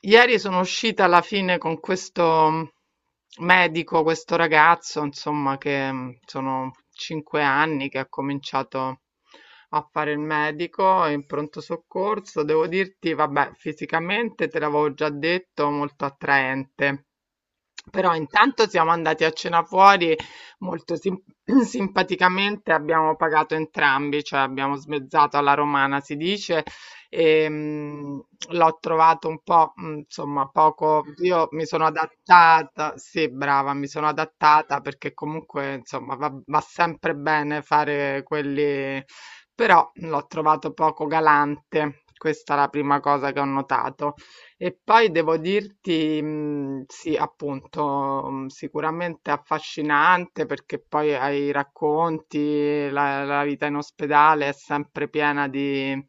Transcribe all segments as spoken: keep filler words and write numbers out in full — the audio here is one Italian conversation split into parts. Ieri sono uscita alla fine con questo medico, questo ragazzo, insomma, che mm, sono cinque anni che ha cominciato a fare il medico in pronto soccorso. Devo dirti, vabbè, fisicamente te l'avevo già detto, molto attraente. Però intanto siamo andati a cena fuori molto sim- simpaticamente, abbiamo pagato entrambi, cioè abbiamo smezzato alla romana, si dice. Ehm, L'ho trovato un po', mhmm, insomma poco, io mi sono adattata, sì, brava, mi sono adattata perché comunque insomma va va sempre bene fare quelli. Però l'ho trovato poco galante. Questa è la prima cosa che ho notato. E poi devo dirti, mh, sì, appunto, mh, sicuramente affascinante, perché poi ai racconti, la, la vita in ospedale è sempre piena di,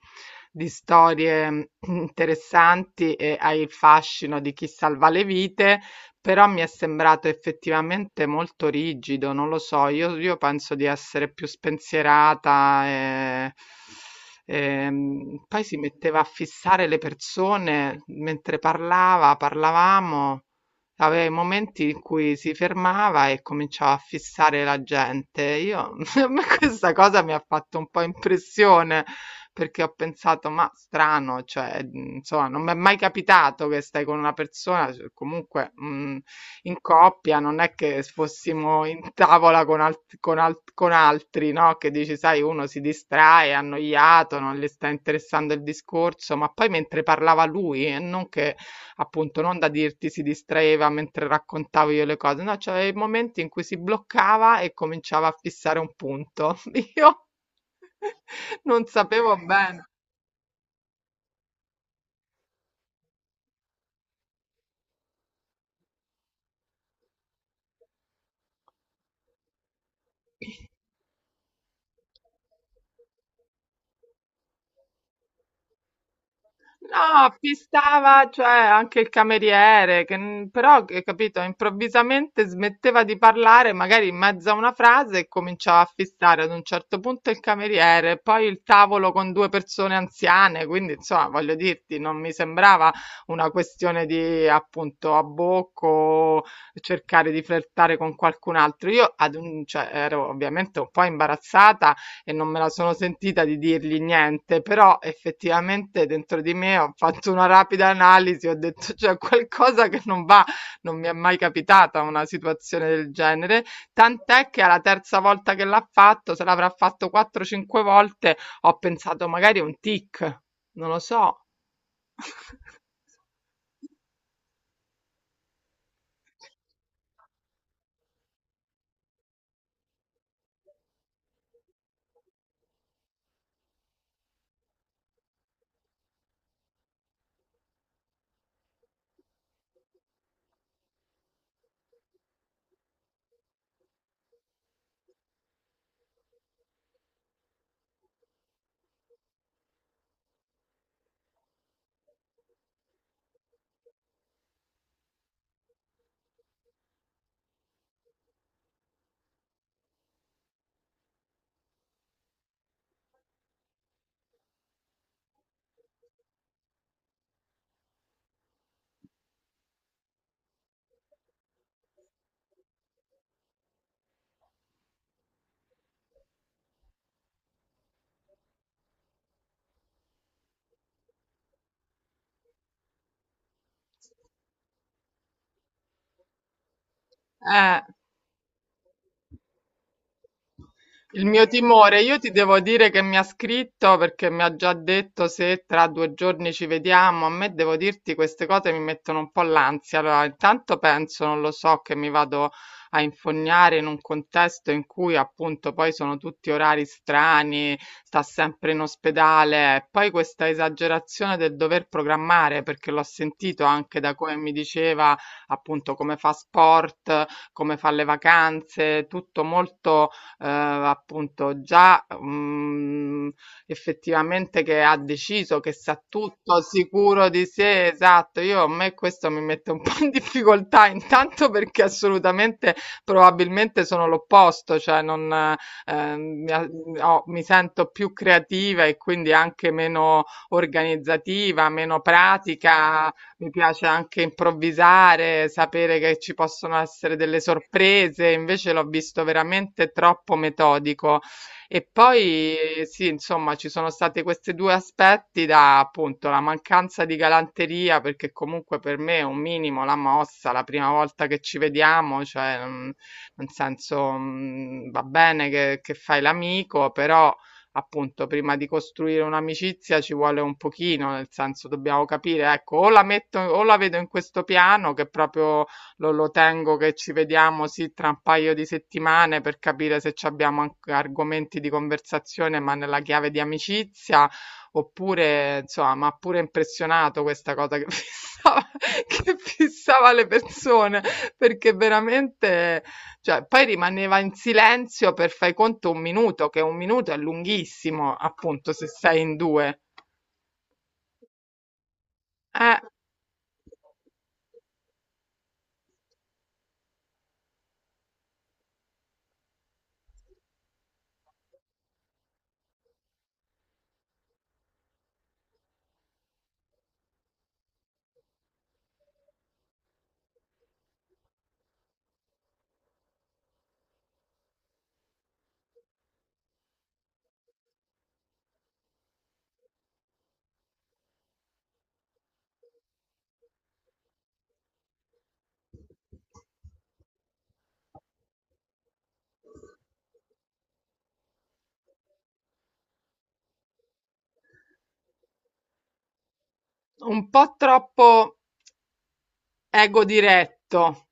di storie mh, interessanti, e hai il fascino di chi salva le vite. Però mi è sembrato effettivamente molto rigido, non lo so, io, io penso di essere più spensierata e, ehm, poi si metteva a fissare le persone mentre parlava, parlavamo, aveva i momenti in cui si fermava e cominciava a fissare la gente. Io, a me questa cosa mi ha fatto un po' impressione, perché ho pensato, ma strano, cioè, mh, insomma, non mi è mai capitato. Che stai con una persona, cioè, comunque mh, in coppia, non è che fossimo in tavola con, alt- con, alt- con altri, no? Che dici, sai, uno si distrae, è annoiato, non gli sta interessando il discorso, ma poi mentre parlava lui, e non che, appunto, non da dirti si distraeva mentre raccontavo io le cose, no, c'aveva i momenti in cui si bloccava e cominciava a fissare un punto. Io non sapevo bene. No, pistava, cioè, anche il cameriere, che, n- però, che, capito, improvvisamente smetteva di parlare, magari in mezzo a una frase, e cominciava a fissare ad un certo punto il cameriere, poi il tavolo con due persone anziane, quindi, insomma, voglio dirti, non mi sembrava una questione di, appunto, a bocco, cercare di flirtare con qualcun altro. Io, ad un, cioè, ero ovviamente un po' imbarazzata e non me la sono sentita di dirgli niente, però effettivamente dentro di me ho fatto una rapida analisi, ho detto c'è qualcosa che non va, non mi è mai capitata una situazione del genere, tant'è che alla terza volta che l'ha fatto, se l'avrà fatto quattro cinque volte, ho pensato magari è un tic, non lo so. Eh. Il mio timore, io ti devo dire, che mi ha scritto, perché mi ha già detto se tra due giorni ci vediamo. A me, devo dirti, queste cose mi mettono un po' l'ansia. Allora, intanto penso, non lo so, che mi vado a infognare in un contesto in cui appunto poi sono tutti orari strani, sta sempre in ospedale. E poi questa esagerazione del dover programmare, perché l'ho sentito anche da come mi diceva, appunto, come fa sport, come fa le vacanze, tutto molto, eh, appunto, già mh, effettivamente, che ha deciso, che sa tutto, sicuro di sé, esatto. Io, a me questo mi mette un po' in difficoltà, intanto perché assolutamente, probabilmente sono l'opposto, cioè non, eh, mi, ho- mi sento più creativa e quindi anche meno organizzativa, meno pratica, mi piace anche improvvisare, sapere che ci possono essere delle sorprese, invece l'ho visto veramente troppo metodico. E poi sì, insomma, ci sono stati questi due aspetti, da, appunto, la mancanza di galanteria, perché comunque per me è un minimo, la mossa, la prima volta che ci vediamo, cioè, mm, nel senso, mm, va bene che, che fai l'amico, però appunto prima di costruire un'amicizia ci vuole un pochino, nel senso dobbiamo capire, ecco, o la metto, o la vedo in questo piano che proprio lo, lo tengo, che ci vediamo sì tra un paio di settimane per capire se ci abbiamo anche argomenti di conversazione, ma nella chiave di amicizia, oppure, insomma, mi ha pure impressionato questa cosa che fissava, che fissava le persone, perché veramente, cioè, poi rimaneva in silenzio per fai conto un minuto, che un minuto è lunghissimo, appunto, se sei in due. È un po' troppo ego diretto.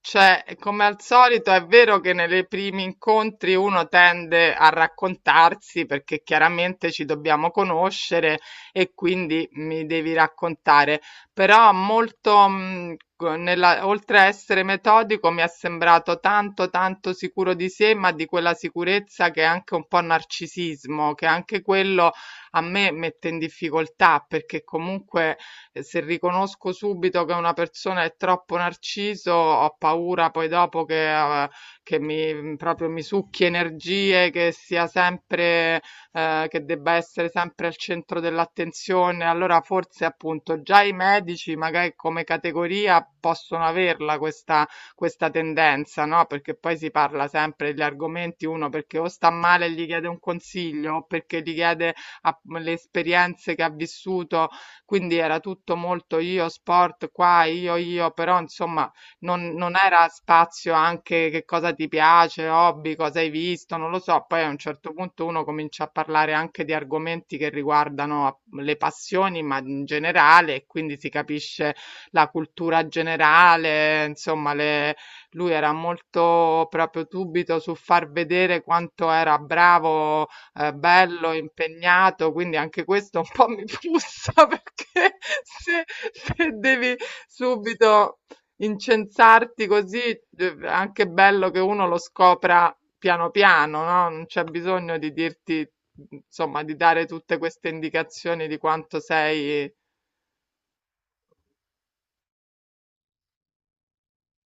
Cioè, come al solito, è vero che nei primi incontri uno tende a raccontarsi, perché chiaramente ci dobbiamo conoscere e quindi mi devi raccontare, però molto, mh, co- nella- oltre a essere metodico, mi è sembrato tanto, tanto sicuro di sé, ma di quella sicurezza che è anche un po' narcisismo, che anche quello a me mette in difficoltà, perché comunque, e se riconosco subito che una persona è troppo narciso, ho paura poi dopo che, eh, che mi mm, proprio mi succhi energie, che sia sempre, eh, che debba essere sempre al centro dell'attenzione. Allora forse, appunto, già i medici, magari come categoria, possono averla questa, questa tendenza, no? Perché poi si parla sempre degli argomenti, uno perché o sta male e gli chiede un consiglio, o perché gli chiede a- le esperienze che ha vissuto, quindi era tutto molto io, sport qua, io, io, però insomma non, non era spazio anche che cosa ti piace, hobby, cosa hai visto, non lo so. Poi a un certo punto uno comincia a parlare anche di argomenti che riguardano a- le passioni, ma in generale, e quindi si capisce la cultura generale, insomma, le, lui era molto proprio subito su far vedere quanto era bravo, eh, bello, impegnato, quindi anche questo un po' mi frustra, perché se, se devi subito incensarti così, eh, è anche bello che uno lo scopra piano piano, no? Non c'è bisogno di dirti, insomma, di dare tutte queste indicazioni di quanto sei.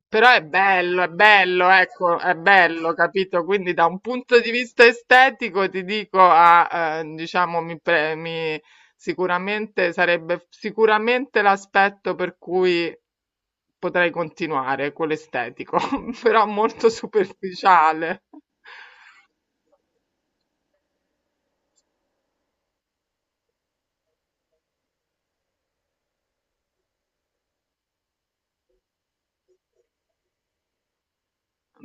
Però è bello, è bello, ecco, è bello, capito? Quindi da un punto di vista estetico ti dico, ah, eh, diciamo, mi, pre- mi- sicuramente sarebbe, sicuramente l'aspetto per cui potrei continuare, quello estetico, però molto superficiale.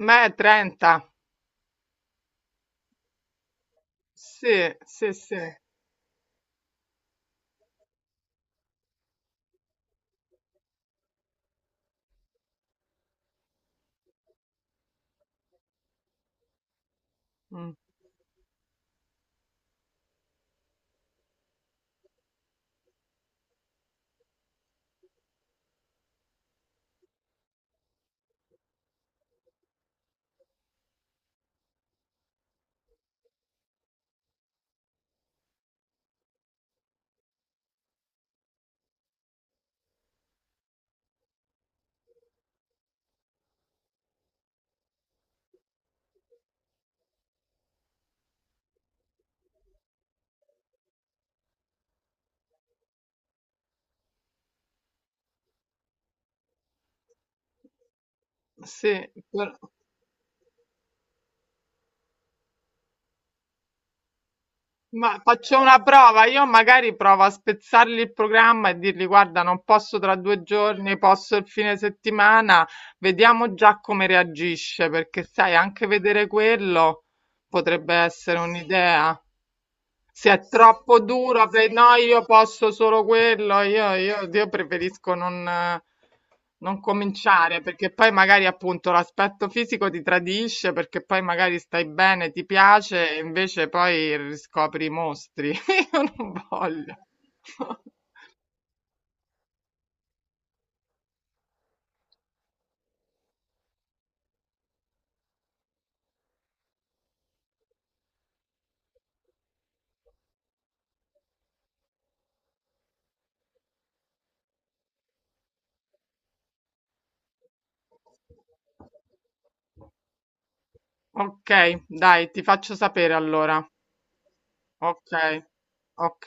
Beh, trenta, sì, sì, sì, mm, sì, però- ma faccio una prova, io magari provo a spezzargli il programma e dirgli, guarda, non posso tra due giorni, posso il fine settimana, vediamo già come reagisce, perché sai, anche vedere quello potrebbe essere un'idea. Se è troppo duro, per no, io posso solo quello, io, io, io preferisco non, eh, non cominciare, perché poi magari, appunto, l'aspetto fisico ti tradisce, perché poi magari stai bene, ti piace e invece poi riscopri i mostri. Io non voglio. Ok, dai, ti faccio sapere allora. Ok, ok.